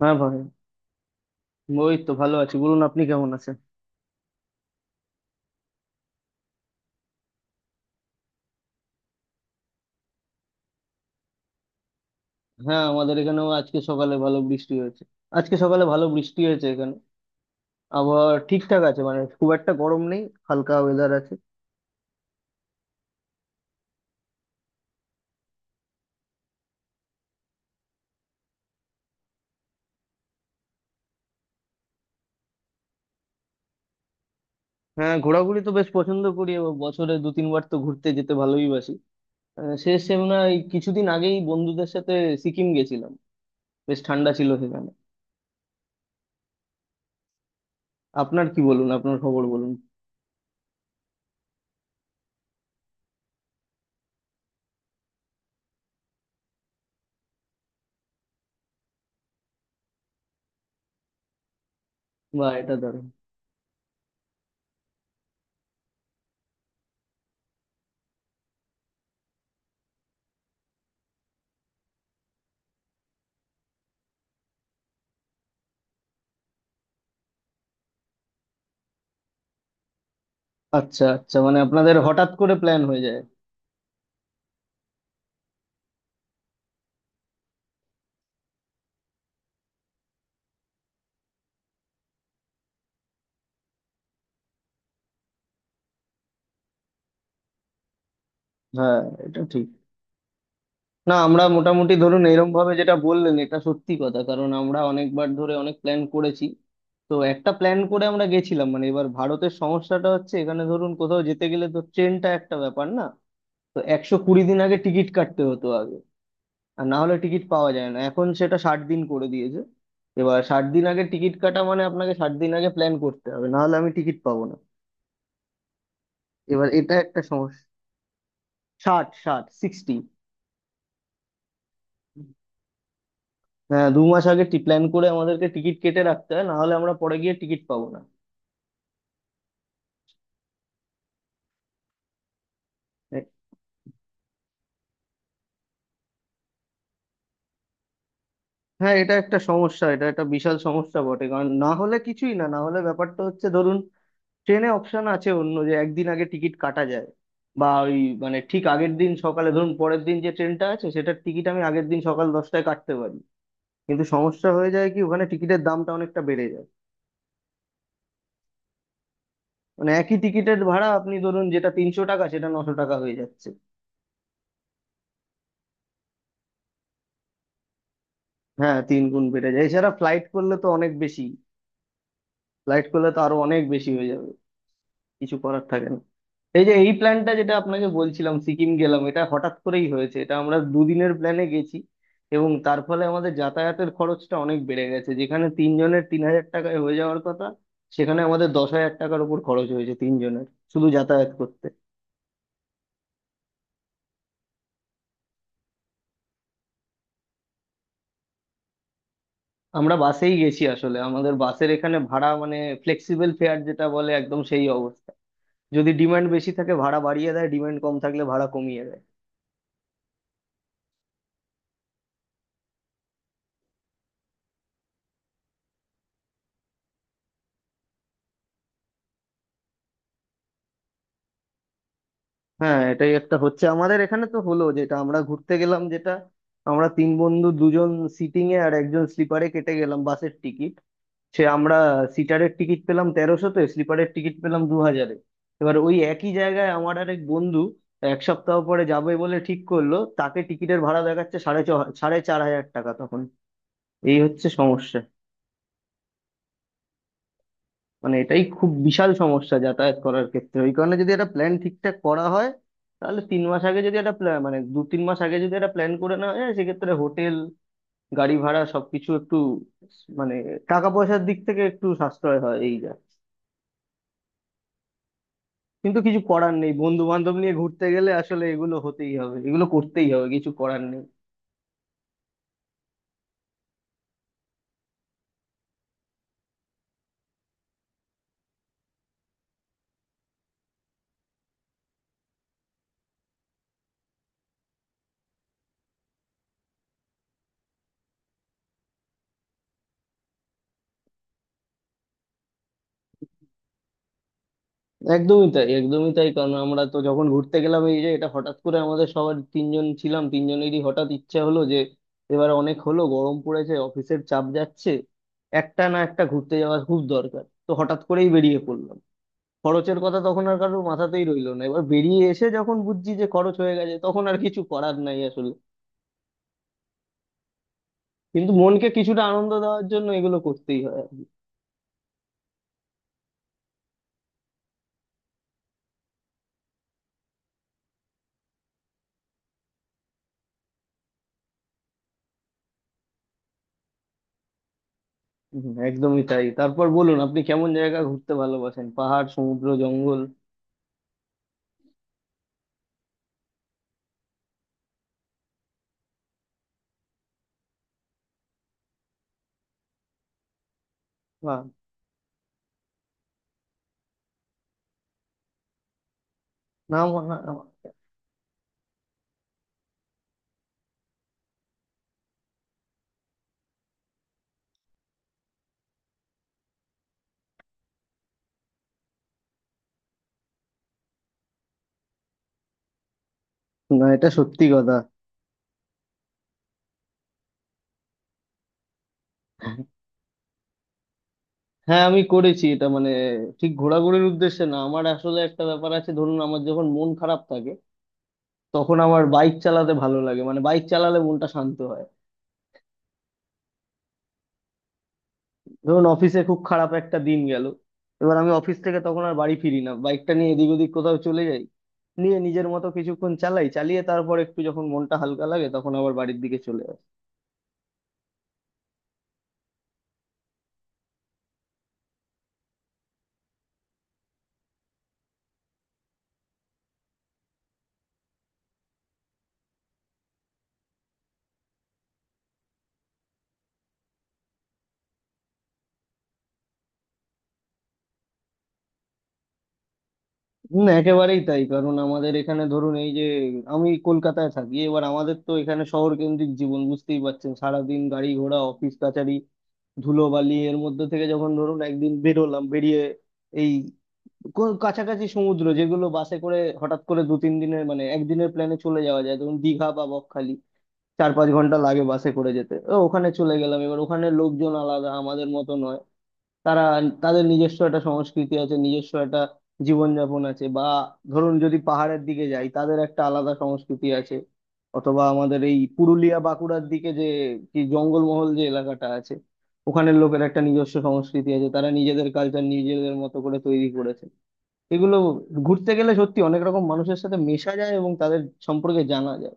হ্যাঁ ভাই, ওই তো ভালো আছি। বলুন, আপনি কেমন আছেন? হ্যাঁ, আমাদের এখানেও আজকে সকালে ভালো বৃষ্টি হয়েছে। আজকে সকালে ভালো বৃষ্টি হয়েছে এখানে। আবহাওয়া ঠিকঠাক আছে, মানে খুব একটা গরম নেই, হালকা ওয়েদার আছে। হ্যাঁ, ঘোরাঘুরি তো বেশ পছন্দ করি এবং বছরে দু তিনবার তো ঘুরতে যেতে ভালোই বাসি। শেষ এই কিছুদিন আগেই বন্ধুদের সাথে সিকিম গেছিলাম। বেশ ঠান্ডা ছিল সেখানে। আপনার কি বলুন, আপনার খবর বলুন। বা, এটা দারুণ। আচ্ছা আচ্ছা, মানে আপনাদের হঠাৎ করে প্ল্যান হয়ে যায়। হ্যাঁ, এটা ঠিক। না, আমরা মোটামুটি ধরুন এরম ভাবে, যেটা বললেন এটা সত্যি কথা, কারণ আমরা অনেকবার ধরে অনেক প্ল্যান করেছি। তো একটা প্ল্যান করে আমরা গেছিলাম। মানে এবার ভারতের সমস্যাটা হচ্ছে, এখানে ধরুন কোথাও যেতে গেলে তো ট্রেনটা একটা ব্যাপার না। তো 120 দিন আগে টিকিট কাটতে হতো আগে, আর না হলে টিকিট পাওয়া যায় না। এখন সেটা 60 দিন করে দিয়েছে। এবার 60 দিন আগে টিকিট কাটা মানে আপনাকে 60 দিন আগে প্ল্যান করতে হবে, না হলে আমি টিকিট পাবো না। এবার এটা একটা সমস্যা। ষাট ষাট সিক্সটি। হ্যাঁ, 2 মাস আগে প্ল্যান করে আমাদেরকে টিকিট কেটে রাখতে হয়, না হলে আমরা পরে গিয়ে টিকিট পাবো না। এ- হ্যাঁ, এটা একটা সমস্যা, এটা একটা বিশাল সমস্যা বটে। কারণ না হলে কিছুই না, না হলে ব্যাপারটা হচ্ছে, ধরুন ট্রেনে অপশন আছে অন্য, যে একদিন আগে টিকিট কাটা যায়। বা ওই, মানে ঠিক আগের দিন সকালে ধরুন পরের দিন যে ট্রেনটা আছে সেটার টিকিট আমি আগের দিন সকাল 10টায় কাটতে পারি। কিন্তু সমস্যা হয়ে যায় কি, ওখানে টিকিটের দামটা অনেকটা বেড়ে যায়। মানে একই টিকিটের ভাড়া আপনি ধরুন যেটা 300 টাকা, সেটা 900 টাকা হয়ে যাচ্ছে। হ্যাঁ, তিন গুণ বেড়ে যায়। এছাড়া ফ্লাইট করলে তো অনেক বেশি। ফ্লাইট করলে তো আরো অনেক বেশি হয়ে যাবে, কিছু করার থাকে না। এই যে এই প্ল্যানটা যেটা আপনাকে বলছিলাম, সিকিম গেলাম, এটা হঠাৎ করেই হয়েছে, এটা আমরা দুদিনের প্ল্যানে গেছি। এবং তার ফলে আমাদের যাতায়াতের খরচটা অনেক বেড়ে গেছে। যেখানে তিনজনের 3,000 টাকায় হয়ে যাওয়ার কথা, সেখানে আমাদের 10,000 টাকার উপর খরচ হয়েছে তিনজনের, শুধু যাতায়াত করতে। আমরা বাসেই গেছি। আসলে আমাদের বাসের এখানে ভাড়া মানে ফ্লেক্সিবল ফেয়ার যেটা বলে, একদম সেই অবস্থা। যদি ডিমান্ড বেশি থাকে ভাড়া বাড়িয়ে দেয়, ডিমান্ড কম থাকলে ভাড়া কমিয়ে দেয়। হ্যাঁ, এটাই একটা হচ্ছে আমাদের এখানে। তো হলো যেটা, আমরা ঘুরতে গেলাম, যেটা আমরা তিন বন্ধু, দুজন সিটিং এ আর একজন স্লিপারে কেটে গেলাম বাসের টিকিট। সে আমরা সিটারের টিকিট পেলাম 1300-তে, স্লিপারের টিকিট পেলাম 2000-এ। এবার ওই একই জায়গায় আমার আর এক বন্ধু এক সপ্তাহ পরে যাবে বলে ঠিক করলো, তাকে টিকিটের ভাড়া দেখাচ্ছে সাড়ে 4 হাজার টাকা তখন। এই হচ্ছে সমস্যা। মানে এটাই খুব বিশাল সমস্যা যাতায়াত করার ক্ষেত্রে। ওই কারণে যদি একটা প্ল্যান ঠিকঠাক করা হয়, তাহলে তিন মাস আগে যদি একটা প্ল্যান, মানে দু তিন মাস আগে যদি একটা প্ল্যান করে নেওয়া যায়, সেক্ষেত্রে হোটেল, গাড়ি ভাড়া সবকিছু একটু, মানে টাকা পয়সার দিক থেকে একটু সাশ্রয় হয়, এই যা। কিন্তু কিছু করার নেই, বন্ধু বান্ধব নিয়ে ঘুরতে গেলে আসলে এগুলো হতেই হবে, এগুলো করতেই হবে, কিছু করার নেই। একদমই তাই, একদমই তাই। কারণ আমরা তো যখন ঘুরতে গেলাম, এই যে এটা হঠাৎ করে, আমাদের সবার, তিনজন ছিলাম, তিনজনেরই হঠাৎ ইচ্ছা হলো যে এবার অনেক হলো, গরম পড়েছে, অফিসের চাপ যাচ্ছে, একটা না একটা ঘুরতে যাওয়া খুব দরকার। তো হঠাৎ করেই বেরিয়ে পড়লাম। খরচের কথা তখন আর কারোর মাথাতেই রইলো না। এবার বেরিয়ে এসে যখন বুঝছি যে খরচ হয়ে গেছে, তখন আর কিছু করার নাই আসলে। কিন্তু মনকে কিছুটা আনন্দ দেওয়ার জন্য এগুলো করতেই হয়। হুম, একদমই তাই। তারপর বলুন, আপনি কেমন জায়গা ঘুরতে ভালোবাসেন, পাহাড়, সমুদ্র, জঙ্গল? বা। না না, এটা সত্যি কথা। হ্যাঁ, আমি করেছি। এটা মানে ঠিক ঘোরাঘুরির উদ্দেশ্যে না। আমার আসলে একটা ব্যাপার আছে, ধরুন আমার যখন মন খারাপ থাকে, তখন আমার বাইক চালাতে ভালো লাগে। মানে বাইক চালালে মনটা শান্ত হয়। ধরুন অফিসে খুব খারাপ একটা দিন গেল, এবার আমি অফিস থেকে তখন আর বাড়ি ফিরি না, বাইকটা নিয়ে এদিক ওদিক কোথাও চলে যাই। নিয়ে নিজের মতো কিছুক্ষণ চালাই, চালিয়ে তারপর একটু যখন মনটা হালকা লাগে, তখন আবার বাড়ির দিকে চলে যাই। হুম, একেবারেই তাই। কারণ আমাদের এখানে ধরুন, এই যে আমি কলকাতায় থাকি, এবার আমাদের তো এখানে শহর কেন্দ্রিক জীবন, বুঝতেই পারছেন, সারাদিন গাড়ি ঘোড়া, অফিস কাচারি, ধুলোবালি, এর মধ্যে থেকে যখন ধরুন একদিন বেরোলাম, বেরিয়ে এই কাছাকাছি সমুদ্র যেগুলো, বাসে করে হঠাৎ করে দু তিন দিনের মানে একদিনের প্ল্যানে চলে যাওয়া যায়, ধরুন দীঘা বা বকখালি, 4-5 ঘন্টা লাগে বাসে করে যেতে, ওখানে চলে গেলাম। এবার ওখানে লোকজন আলাদা, আমাদের মতো নয়। তারা, তাদের নিজস্ব একটা সংস্কৃতি আছে, নিজস্ব একটা জীবনযাপন আছে। বা ধরুন যদি পাহাড়ের দিকে যাই, তাদের একটা আলাদা সংস্কৃতি আছে। অথবা আমাদের এই পুরুলিয়া বাঁকুড়ার দিকে যে কি জঙ্গলমহল যে এলাকাটা আছে, ওখানের লোকের একটা নিজস্ব সংস্কৃতি আছে, তারা নিজেদের কালচার নিজেদের মতো করে তৈরি করেছে। এগুলো ঘুরতে গেলে সত্যি অনেক রকম মানুষের সাথে মেশা যায় এবং তাদের সম্পর্কে জানা যায়।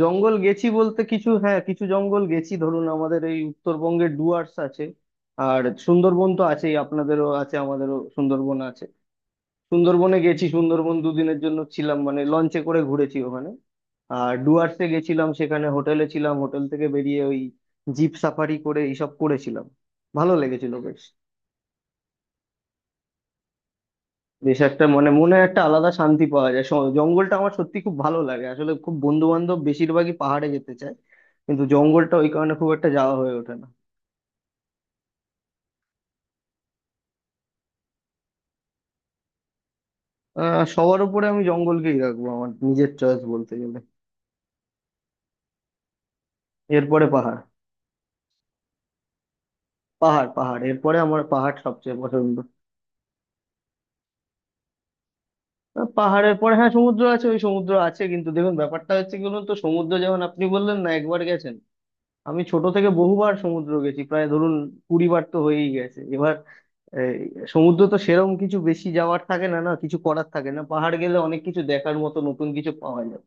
জঙ্গল গেছি বলতে, কিছু হ্যাঁ, কিছু জঙ্গল গেছি। ধরুন আমাদের এই উত্তরবঙ্গে ডুয়ার্স আছে, আর সুন্দরবন তো আছেই, আপনাদেরও আছে, আমাদেরও সুন্দরবন আছে। সুন্দরবনে গেছি, সুন্দরবন দুদিনের জন্য ছিলাম, মানে লঞ্চে করে ঘুরেছি ওখানে। আর ডুয়ার্সে গেছিলাম, সেখানে হোটেলে ছিলাম, হোটেল থেকে বেরিয়ে ওই জিপ সাফারি করে এইসব করেছিলাম। ভালো লেগেছিল বেশ। বেশ একটা, মানে মনে একটা আলাদা শান্তি পাওয়া যায়। জঙ্গলটা আমার সত্যি খুব ভালো লাগে। আসলে খুব বন্ধু বান্ধব বেশিরভাগই পাহাড়ে যেতে চায়, কিন্তু জঙ্গলটা ওই কারণে খুব একটা যাওয়া হয়ে ওঠে না। আহ, সবার উপরে আমি জঙ্গলকেই রাখবো আমার নিজের চয়েস বলতে গেলে। এরপরে পাহাড় পাহাড় পাহাড়, এরপরে আমার পাহাড় সবচেয়ে পছন্দ। আহ, পাহাড়ের পরে হ্যাঁ সমুদ্র আছে, ওই সমুদ্র আছে। কিন্তু দেখুন ব্যাপারটা হচ্ছে কি বলুন তো, সমুদ্র যেমন আপনি বললেন না একবার গেছেন, আমি ছোট থেকে বহুবার সমুদ্র গেছি। প্রায় ধরুন 20 বার তো হয়েই গেছে এবার। এই, সমুদ্র তো সেরম কিছু বেশি যাওয়ার থাকে না, না কিছু করার থাকে না। পাহাড় গেলে অনেক কিছু দেখার মতো, নতুন কিছু পাওয়া যায়।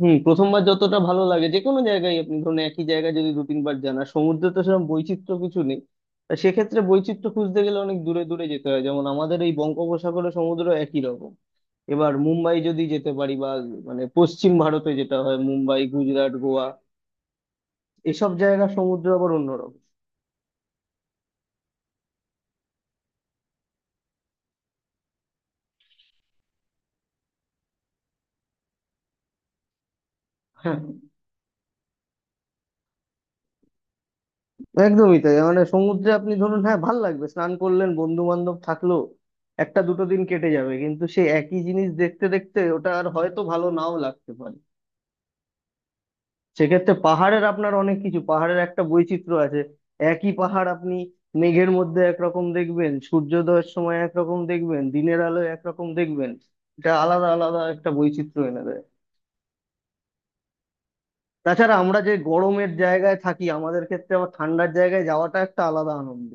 হুম, প্রথমবার যতটা ভালো লাগে যে কোনো জায়গায়, আপনি ধরুন একই জায়গায় যদি দু তিনবার যান, আর সমুদ্রে তো সেরকম বৈচিত্র্য কিছু নেই। তা সেক্ষেত্রে বৈচিত্র্য খুঁজতে গেলে অনেক দূরে দূরে যেতে হয়, যেমন আমাদের এই বঙ্গোপসাগরে সমুদ্র একই রকম। এবার মুম্বাই যদি যেতে পারি, বা মানে পশ্চিম ভারতে, যেটা হয় মুম্বাই, গুজরাট, গোয়া, এসব জায়গার সমুদ্র আবার অন্যরকম। হ্যাঁ, একদমই তাই। মানে সমুদ্রে আপনি ধরুন, হ্যাঁ, ভাল লাগবে, স্নান করলেন, বন্ধু বান্ধব থাকলো, একটা দুটো দিন কেটে যাবে, কিন্তু সেই একই জিনিস দেখতে দেখতে ওটা আর হয়তো ভালো নাও লাগতে পারে। সেক্ষেত্রে পাহাড়ের আপনার অনেক কিছু, পাহাড়ের একটা বৈচিত্র্য আছে। একই পাহাড় আপনি মেঘের মধ্যে একরকম দেখবেন, সূর্যোদয়ের সময় একরকম দেখবেন, দিনের আলোয় একরকম দেখবেন। এটা আলাদা আলাদা একটা বৈচিত্র্য এনে দেয়। তাছাড়া আমরা যে গরমের জায়গায় থাকি, আমাদের ক্ষেত্রে আবার ঠান্ডার জায়গায় যাওয়াটা একটা আলাদা আনন্দ।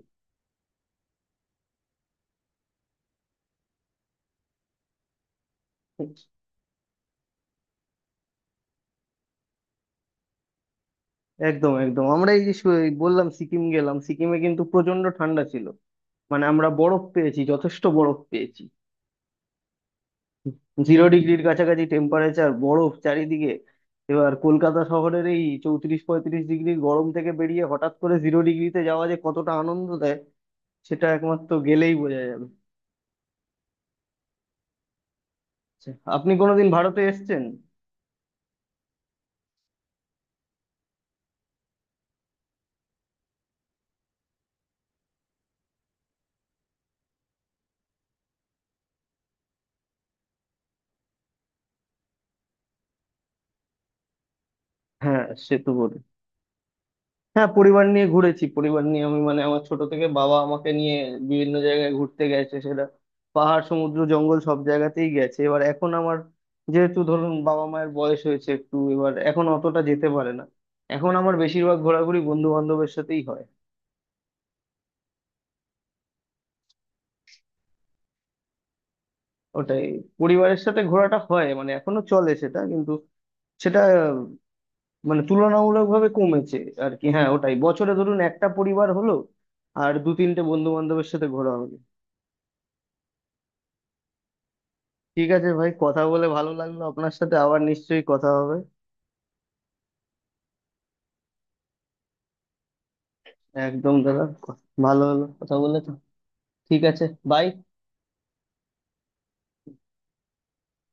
একদম একদম, আমরা এই যে এই বললাম সিকিম গেলাম, সিকিমে কিন্তু প্রচন্ড ঠান্ডা ছিল। মানে আমরা বরফ পেয়েছি, যথেষ্ট বরফ পেয়েছি। জিরো ডিগ্রির কাছাকাছি টেম্পারেচার, বরফ চারিদিকে। এবার কলকাতা শহরের এই 34-35 ডিগ্রির গরম থেকে বেরিয়ে হঠাৎ করে জিরো ডিগ্রিতে যাওয়া যে কতটা আনন্দ দেয়, সেটা একমাত্র গেলেই বোঝা যাবে। আচ্ছা, আপনি কোনোদিন ভারতে এসেছেন? হ্যাঁ, সে তো বটেই। হ্যাঁ, পরিবার নিয়ে ঘুরেছি। পরিবার নিয়ে আমি, মানে আমার ছোট থেকে বাবা আমাকে নিয়ে বিভিন্ন জায়গায় ঘুরতে গেছে, সেটা পাহাড়, সমুদ্র, জঙ্গল সব জায়গাতেই গেছে। এবার এখন আমার যেহেতু ধরুন বাবা মায়ের বয়স হয়েছে একটু, এবার এখন অতটা যেতে পারে না। এখন আমার বেশিরভাগ ঘোরাঘুরি বন্ধু বান্ধবের সাথেই হয়। ওটাই, পরিবারের সাথে ঘোরাটা হয়, মানে এখনো চলে সেটা, কিন্তু সেটা মানে তুলনামূলকভাবে কমেছে। আর কি, হ্যাঁ, ওটাই বছরে ধরুন একটা পরিবার হলো আর দু তিনটে বন্ধু বান্ধবের সাথে ঘোরা হলো। ঠিক আছে ভাই, কথা বলে ভালো লাগলো আপনার সাথে, আবার নিশ্চয়ই কথা হবে। একদম দাদা, ভালো হলো কথা বলে তো। ঠিক আছে। বাই।